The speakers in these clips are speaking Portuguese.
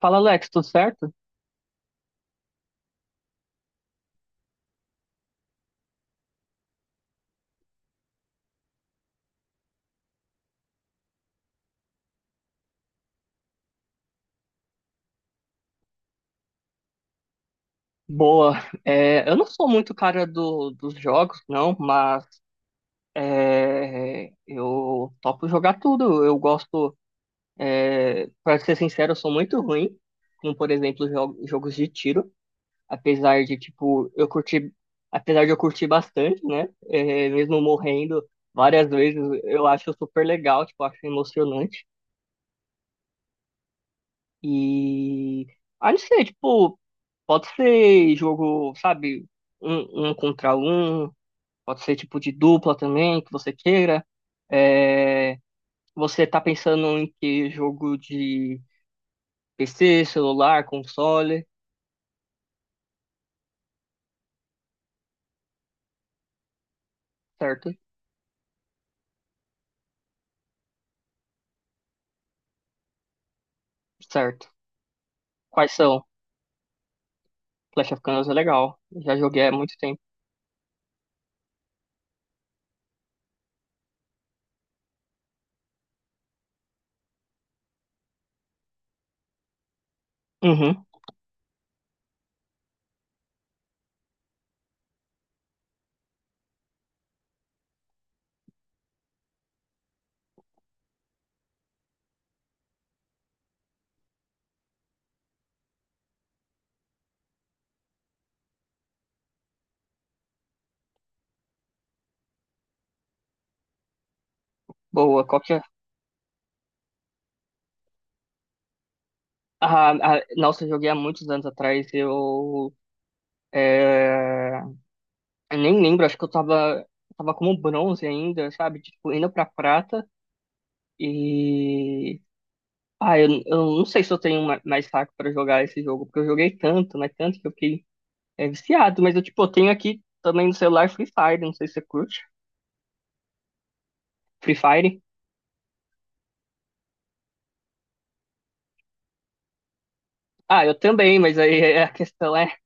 Fala, Alex, tudo certo? Boa. Eu não sou muito cara dos jogos, não, mas eu topo jogar tudo. Eu gosto, pra ser sincero, eu sou muito ruim, como por exemplo, jogos de tiro. Apesar de, tipo, eu curti, apesar de eu curtir bastante, né? É, mesmo morrendo várias vezes, eu acho super legal, tipo, acho emocionante. E, não sei, tipo, pode ser jogo, sabe, um contra um. Pode ser tipo de dupla também, que você queira. É, você tá pensando em que jogo de PC, celular, console, certo? Certo. Quais são? Clash of Clans é legal. Já joguei há muito tempo. Uhum. Boa. Qual que é? Nossa, eu joguei há muitos anos atrás. É, eu nem lembro, acho que tava como bronze ainda, sabe? Tipo, indo pra prata. E ah, eu não sei se eu tenho mais saco pra jogar esse jogo, porque eu joguei tanto, mas tanto que eu fiquei viciado. Mas eu, tipo, eu tenho aqui também no celular Free Fire, não sei se você curte. Free Fire? Ah, eu também, mas a questão é...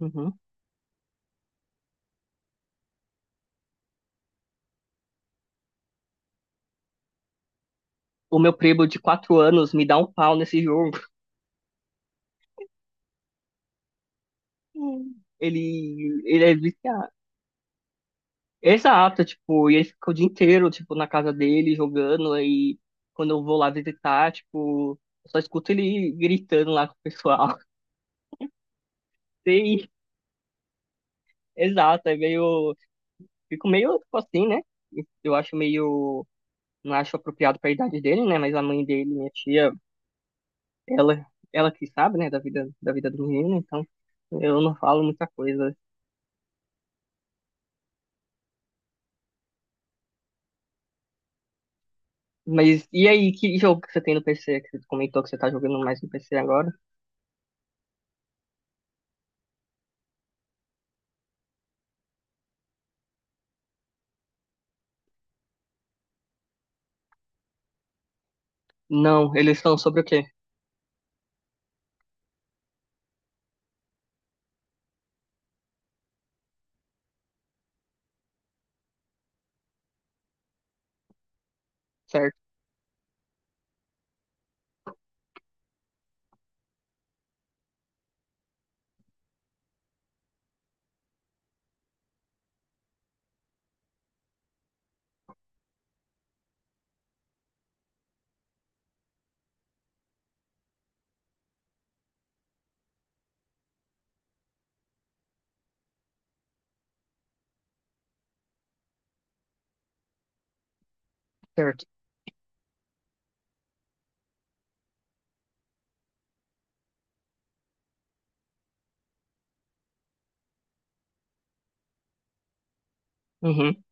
Uhum. O meu primo de quatro anos me dá um pau nesse jogo. Hum. Ele é viciado. Exato, tipo, e ele fica o dia inteiro, tipo, na casa dele jogando, aí quando eu vou lá visitar, tipo, eu só escuto ele gritando lá com o pessoal. Sim, exato, é meio. Fico meio, tipo assim, né? Eu acho meio. Não acho apropriado para a idade dele, né? Mas a mãe dele, minha tia, ela, ela que sabe, né? Da vida do menino, então eu não falo muita coisa. Mas e aí, que jogo que você tem no PC? Que você comentou que você tá jogando mais no PC agora? Não, eles estão sobre o quê? Certo, certo. Uhum,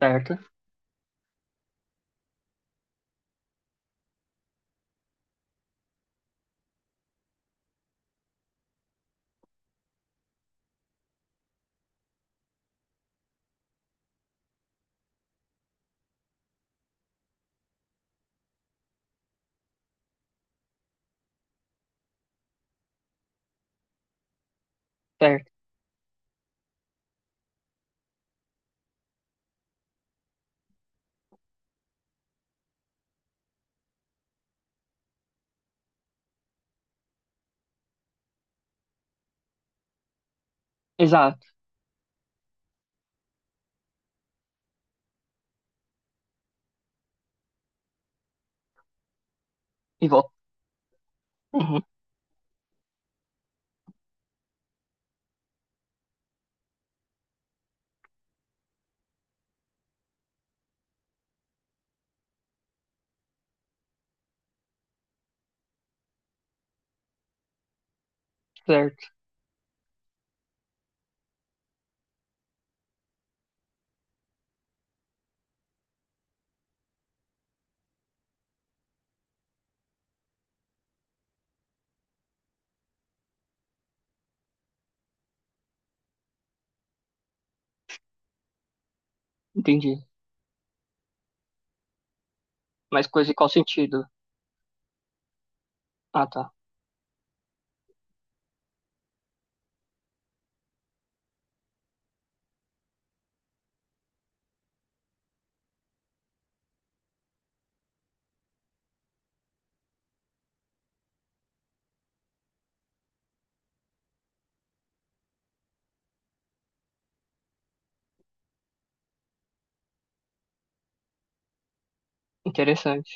certo, certo. Exato. E volta. Uhum, certo, entendi. Mas coisa em qual sentido? Ah, tá. Interessante.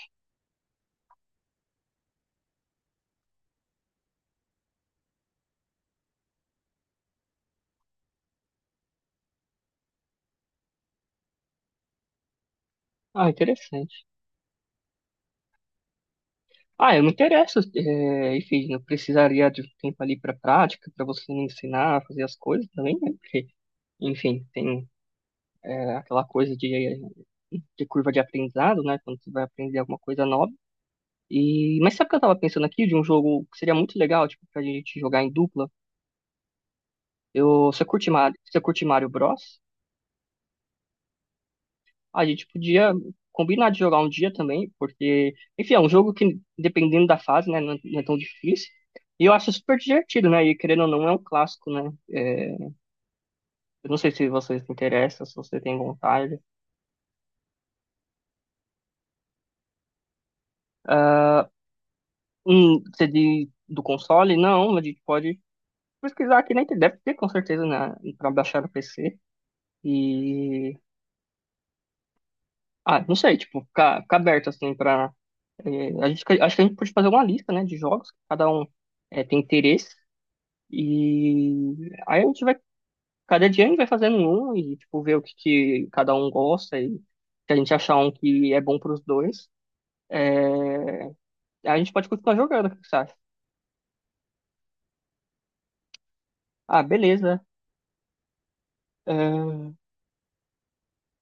Ah, interessante. Ah, eu me interesso, enfim, eu precisaria de um tempo ali para prática, para você me ensinar a fazer as coisas também, né? Porque, enfim, tem aquela coisa de curva de aprendizado, né? Quando você vai aprender alguma coisa nova. E, mas sabe o que eu tava pensando aqui de um jogo que seria muito legal, tipo, pra gente jogar em dupla? Eu, você curte Mario Bros? A gente podia combinar de jogar um dia também, porque, enfim, é um jogo que, dependendo da fase, né, não é tão difícil. E eu acho super divertido, né? E querendo ou não, é um clássico, né? Eu não sei se vocês se interessam, se você tem vontade. Ah, um CD do console? Não, a gente pode pesquisar aqui na internet. Deve ter, com certeza, né? Pra baixar no PC. E. Ah, não sei, tipo, ficar aberto, assim, pra. A gente, acho que a gente pode fazer uma lista, né? De jogos que cada um tem interesse. E aí a gente vai, cada dia a gente vai fazendo um e, tipo, ver que cada um gosta e se a gente achar um que é bom pros dois, é, a gente pode continuar jogando, o que você acha? Ah, beleza. É,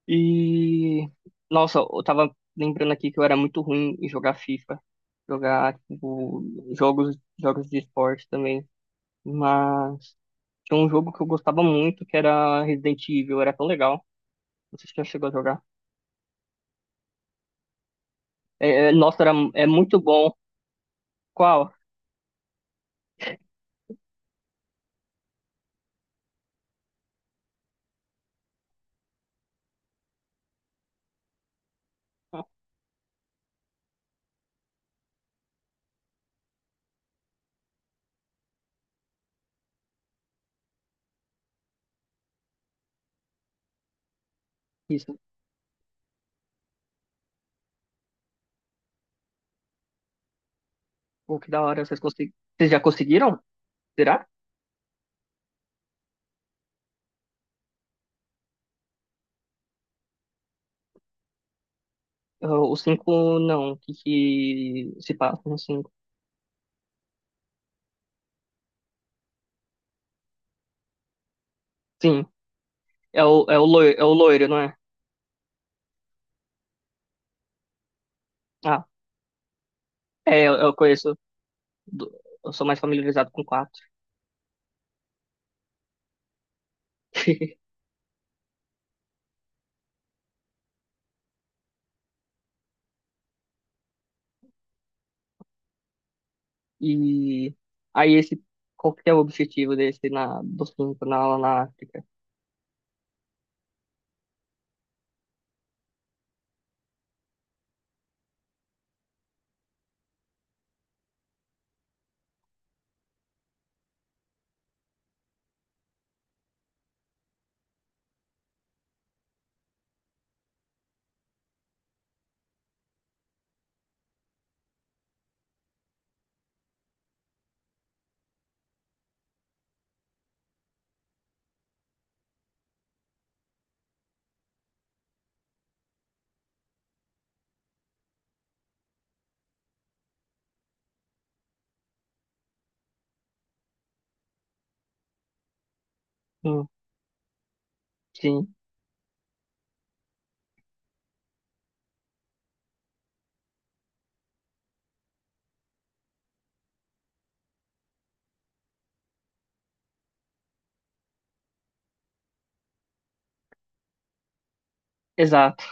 E, nossa, eu tava lembrando aqui que eu era muito ruim em jogar FIFA, jogar, tipo, jogos de esporte também, mas tinha um jogo que eu gostava muito que era Resident Evil, era tão legal, não sei se você já chegou a jogar. Nossa, é muito bom. Qual? Isso. Pô, que da hora. Vocês já conseguiram? Será? Ah, o 5 não. O que que se passa no 5? Sim. É o loiro, não é? Ah, eu conheço. do- Eu sou mais familiarizado com quatro. E aí esse. Qual que é o objetivo desse do cinco lá na África? Hum, sim. Exato.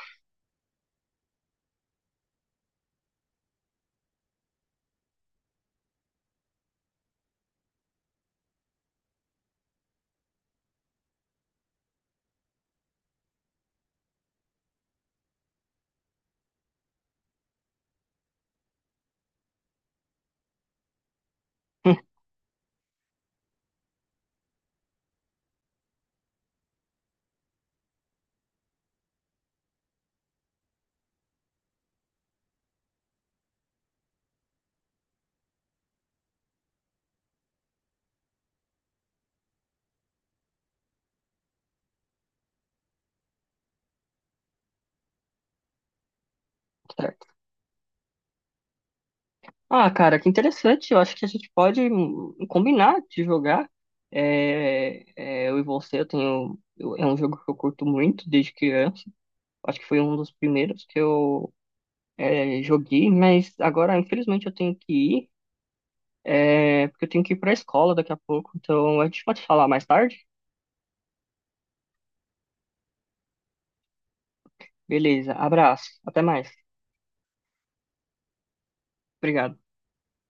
Ah, cara, que interessante. Eu acho que a gente pode combinar de jogar. Eu e você, é um jogo que eu curto muito desde criança. Acho que foi um dos primeiros que joguei, mas agora, infelizmente, eu tenho que ir, porque eu tenho que ir pra escola daqui a pouco. Então, a gente pode falar mais tarde? Beleza, abraço, até mais. Obrigado.